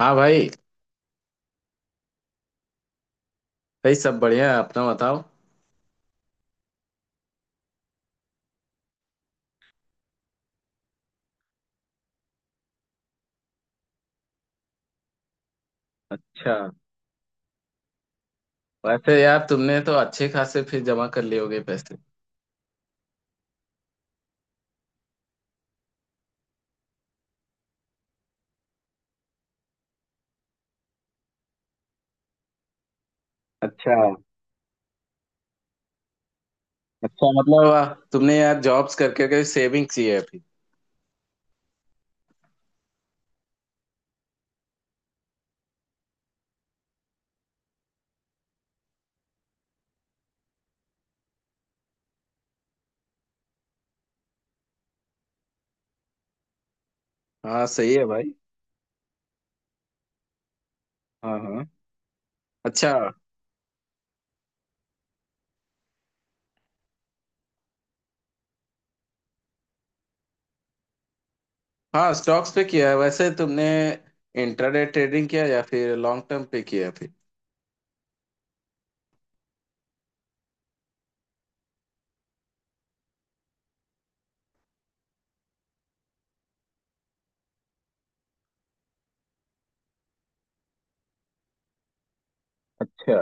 हाँ भाई। भाई सब बढ़िया है, अपना बताओ। अच्छा। वैसे यार तुमने तो अच्छे खासे फिर जमा कर लिए होगे पैसे। अच्छा। अच्छा। मतलब तुमने यार जॉब्स करके के सेविंग की है अभी? हाँ सही है भाई। हाँ हाँ। अच्छा। हाँ स्टॉक्स पे किया है। वैसे तुमने इंट्राडे ट्रेडिंग किया या फिर लॉन्ग टर्म पे किया है फिर? अच्छा।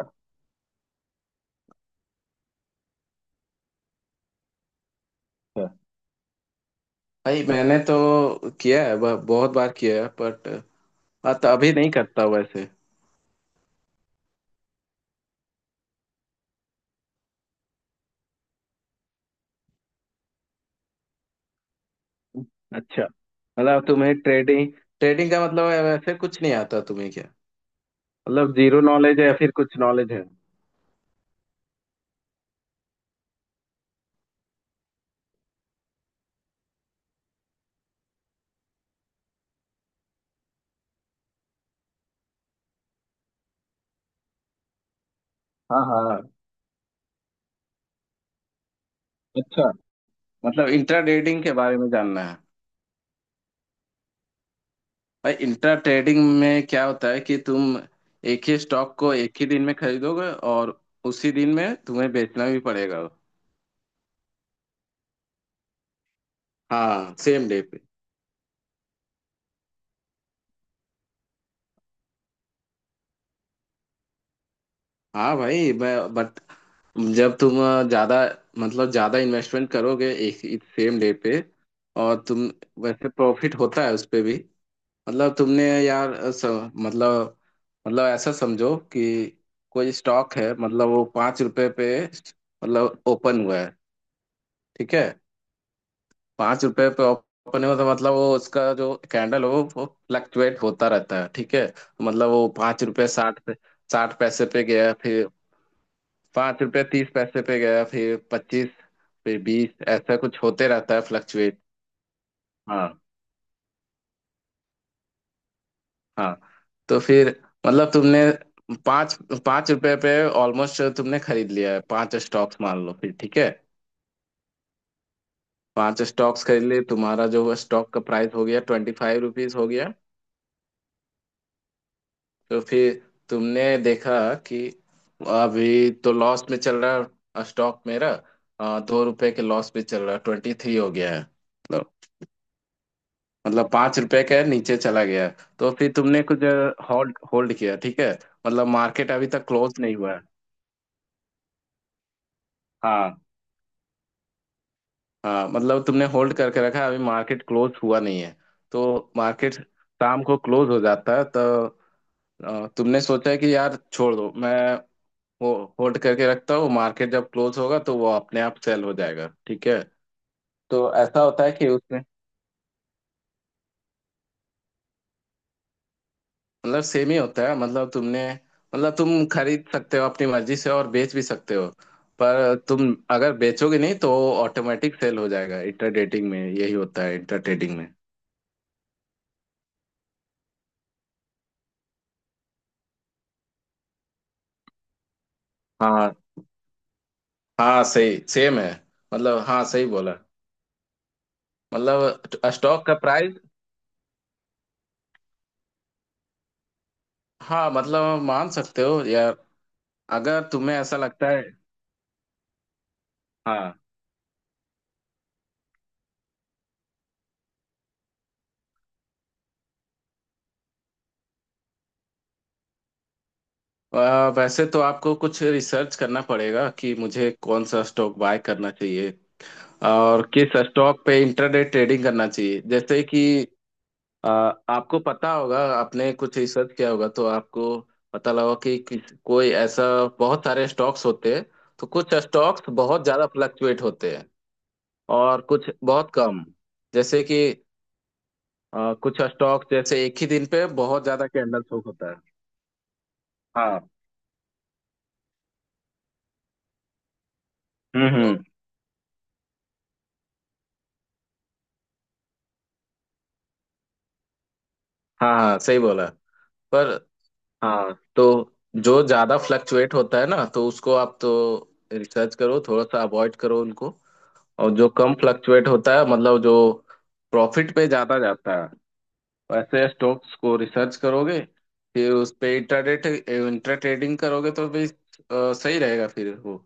अच्छा। भाई मैंने तो किया है, बहुत बार किया है बट हाँ, तो अभी नहीं करता वैसे। अच्छा। मतलब तुम्हें ट्रेडिंग ट्रेडिंग का मतलब है वैसे, कुछ नहीं आता तुम्हें क्या? मतलब जीरो नॉलेज है या फिर कुछ नॉलेज है? हाँ हाँ। अच्छा। मतलब इंट्रा ट्रेडिंग के बारे में जानना है। भाई इंट्रा ट्रेडिंग में क्या होता है कि तुम एक ही स्टॉक को एक ही दिन में खरीदोगे और उसी दिन में तुम्हें बेचना भी पड़ेगा। हाँ सेम डे पे। हाँ भाई, मैं बट जब तुम ज्यादा मतलब ज्यादा इन्वेस्टमेंट करोगे एक सेम डे पे, और तुम वैसे प्रॉफिट होता है उस पे भी। मतलब तुमने यार स, मतलब मतलब ऐसा समझो कि कोई स्टॉक है, मतलब वो 5 रुपए पे मतलब ओपन हुआ है। ठीक है। 5 रुपए पे ओपन हुआ तो मतलब वो उसका जो कैंडल हो वो फ्लक्चुएट होता रहता है। ठीक है। मतलब वो पाँच रुपए साठ पे साठ पैसे पे गया, फिर 5 रुपए 30 पैसे पे गया, फिर 25, फिर 20, ऐसा कुछ होते रहता है फ्लक्चुएट। हाँ, तो फिर मतलब तुमने पाँच पाँच रुपए पे ऑलमोस्ट तुमने खरीद लिया है 5 स्टॉक्स, मान लो, फिर। ठीक है। 5 स्टॉक्स खरीद लिए, तुम्हारा जो स्टॉक का प्राइस हो गया 25 रुपीज हो गया। तो फिर तुमने देखा कि अभी तो लॉस में चल रहा है स्टॉक मेरा। 2 रुपए के लॉस में चल रहा है, 23 हो गया है। तो मतलब 5 रुपए के नीचे चला गया है। तो फिर तुमने कुछ होल्ड होल्ड किया, ठीक है। मतलब मार्केट अभी तक क्लोज नहीं हुआ है। हाँ हाँ। मतलब तुमने होल्ड करके रखा है, अभी मार्केट क्लोज हुआ नहीं है। तो मार्केट शाम को क्लोज हो जाता है। तो तुमने सोचा है कि यार छोड़ दो, मैं वो होल्ड करके रखता हूँ, मार्केट जब क्लोज होगा तो वो अपने आप सेल हो जाएगा। ठीक है। तो ऐसा होता है कि उसमें मतलब सेम ही होता है। मतलब तुम खरीद सकते हो अपनी मर्जी से और बेच भी सकते हो। पर तुम अगर बेचोगे नहीं तो ऑटोमेटिक सेल हो जाएगा, इंटर डेटिंग में यही होता है, इंटर ट्रेडिंग में। हाँ हाँ, सही सेम है। मतलब हाँ सही बोला। मतलब स्टॉक का प्राइस। हाँ, मतलब मान सकते हो यार, अगर तुम्हें ऐसा लगता है। हाँ। वैसे तो आपको कुछ रिसर्च करना पड़ेगा कि मुझे कौन सा स्टॉक बाय करना चाहिए और किस स्टॉक पे इंटरडे ट्रेडिंग करना चाहिए। जैसे कि अ, आपको पता होगा, आपने कुछ रिसर्च किया होगा तो आपको पता लगा कि किस, कोई ऐसा बहुत सारे स्टॉक्स होते हैं तो कुछ स्टॉक्स बहुत ज्यादा फ्लक्चुएट होते हैं और कुछ बहुत कम। जैसे कि कुछ स्टॉक जैसे एक ही दिन पे बहुत ज्यादा कैंडल शो होता है। हाँ। हम्म। हाँ हाँ सही बोला। पर हाँ, तो जो ज्यादा फ्लक्चुएट होता है ना, तो उसको आप तो रिसर्च करो, थोड़ा सा अवॉइड करो उनको। और जो कम फ्लक्चुएट होता है, मतलब जो प्रॉफिट पे ज्यादा जाता है, वैसे स्टॉक्स को रिसर्च करोगे फिर उस पे इंट्रा ट्रेडिंग करोगे तो भी सही रहेगा फिर वो।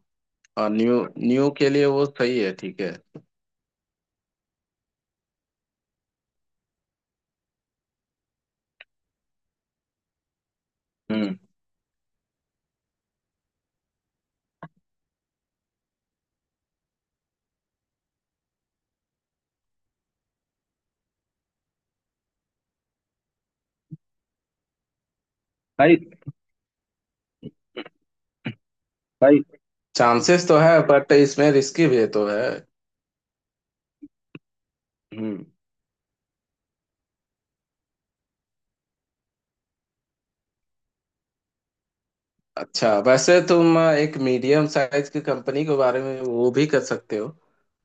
और न्यू न्यू के लिए वो सही है। ठीक है। हम्म। भाई भाई, चांसेस तो है बट इसमें रिस्की भी तो है। हम्म। अच्छा वैसे तुम एक मीडियम साइज की कंपनी के बारे में वो भी कर सकते हो,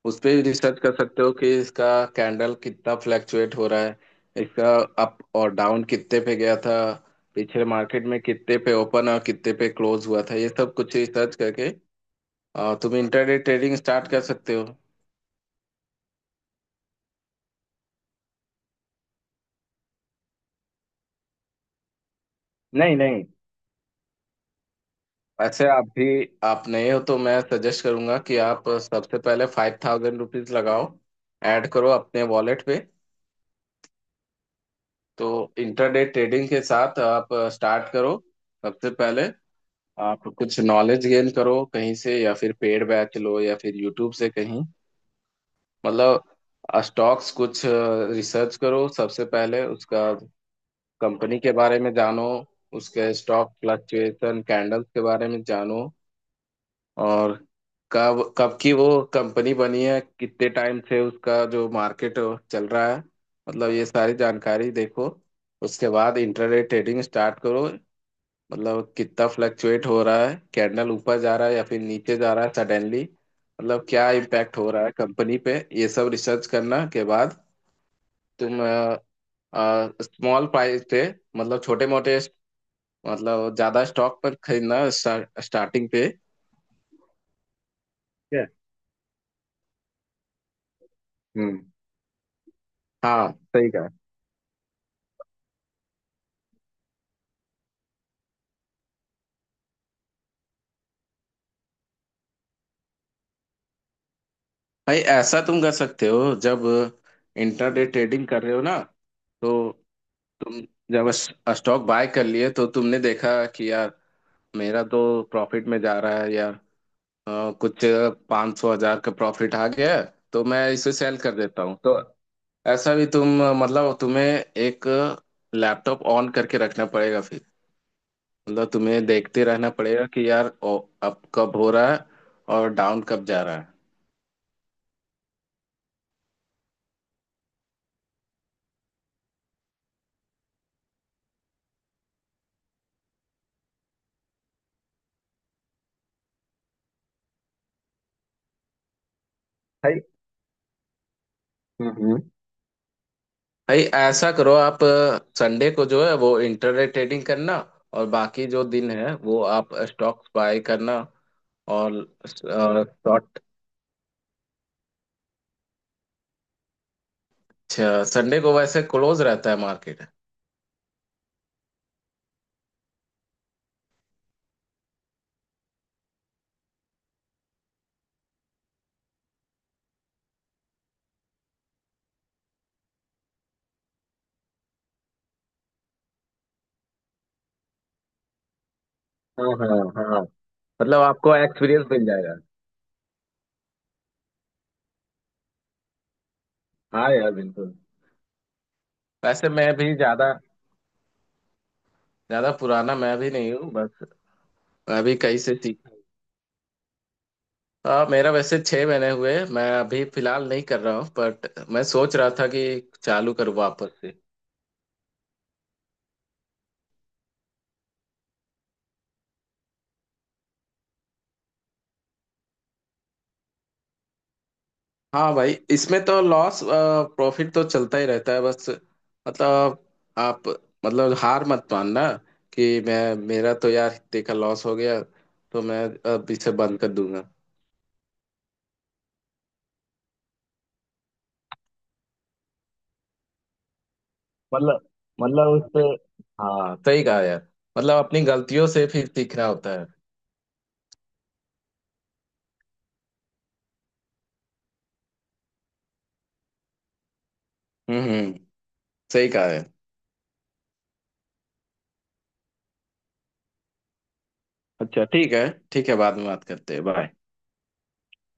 उस पे भी रिसर्च कर सकते हो कि इसका कैंडल कितना फ्लैक्चुएट हो रहा है, इसका अप और डाउन कितने पे गया था, पिछले मार्केट में कितने पे ओपन और कितने पे क्लोज हुआ था, ये सब कुछ रिसर्च करके तुम इंटरडे ट्रेडिंग स्टार्ट कर सकते हो। नहीं नहीं। वैसे आप नए हो तो मैं सजेस्ट करूंगा कि आप सबसे पहले 5000 रुपीज लगाओ, ऐड करो अपने वॉलेट पे। तो इंटरडे ट्रेडिंग के साथ आप स्टार्ट करो सबसे पहले। आप कुछ नॉलेज गेन करो कहीं से, या फिर पेड बैच लो, या फिर यूट्यूब से कहीं। मतलब स्टॉक्स कुछ रिसर्च करो सबसे पहले उसका, कंपनी के बारे में जानो, उसके स्टॉक फ्लक्चुएशन कैंडल्स के बारे में जानो। और कब कब की वो कंपनी बनी है, कितने टाइम से उसका जो मार्केट चल रहा है, मतलब ये सारी जानकारी देखो। उसके बाद इंट्राडे ट्रेडिंग स्टार्ट करो। मतलब कितना फ्लक्चुएट हो रहा है, कैंडल ऊपर जा रहा है या फिर नीचे जा रहा है सडनली, मतलब क्या इम्पैक्ट हो रहा है कंपनी पे, ये सब रिसर्च करना के बाद तुम स्मॉल प्राइस पे, मतलब छोटे मोटे, मतलब ज्यादा स्टॉक पर खरीदना स्टार्टिंग पे। ठीक है? हम्म। हाँ सही कहा। भाई ऐसा तुम कर सकते हो, जब इंटरडे ट्रेडिंग कर रहे हो ना, तो तुम जब स्टॉक बाय कर लिए तो तुमने देखा कि यार मेरा तो प्रॉफिट में जा रहा है यार, कुछ पाँच सौ हजार का प्रॉफिट आ गया है तो मैं इसे सेल कर देता हूँ। तो ऐसा भी तुम मतलब तुम्हें एक लैपटॉप ऑन करके रखना पड़ेगा फिर। मतलब तुम्हें देखते रहना पड़ेगा कि यार अप कब हो रहा है और डाउन कब जा रहा है। भाई। हम्म। भाई ऐसा करो आप, संडे को जो है वो इंटरनेट ट्रेडिंग करना, और बाकी जो दिन है वो आप स्टॉक्स बाय करना। और शॉर्ट, संडे को वैसे क्लोज रहता है मार्केट। हाँ हाँ हाँ। मतलब आपको एक्सपीरियंस मिल जाएगा। हाँ यार बिल्कुल। वैसे मैं भी ज्यादा ज्यादा पुराना मैं भी नहीं हूँ बस, मैं भी कहीं से सीखा हूँ। हाँ मेरा वैसे 6 महीने हुए, मैं अभी फिलहाल नहीं कर रहा हूँ बट मैं सोच रहा था कि चालू करूँ वापस से। हाँ भाई, इसमें तो लॉस प्रॉफिट तो चलता ही रहता है बस। मतलब आप मतलब हार मत मानना कि मैं मेरा तो यार इतने का लॉस हो गया तो मैं अब इसे बंद कर दूंगा। मतलब उससे हाँ सही कहा यार, मतलब अपनी गलतियों से फिर सीखना होता है। हम्म, सही कहा है। अच्छा ठीक है, ठीक है, बाद में बात करते हैं, बाय।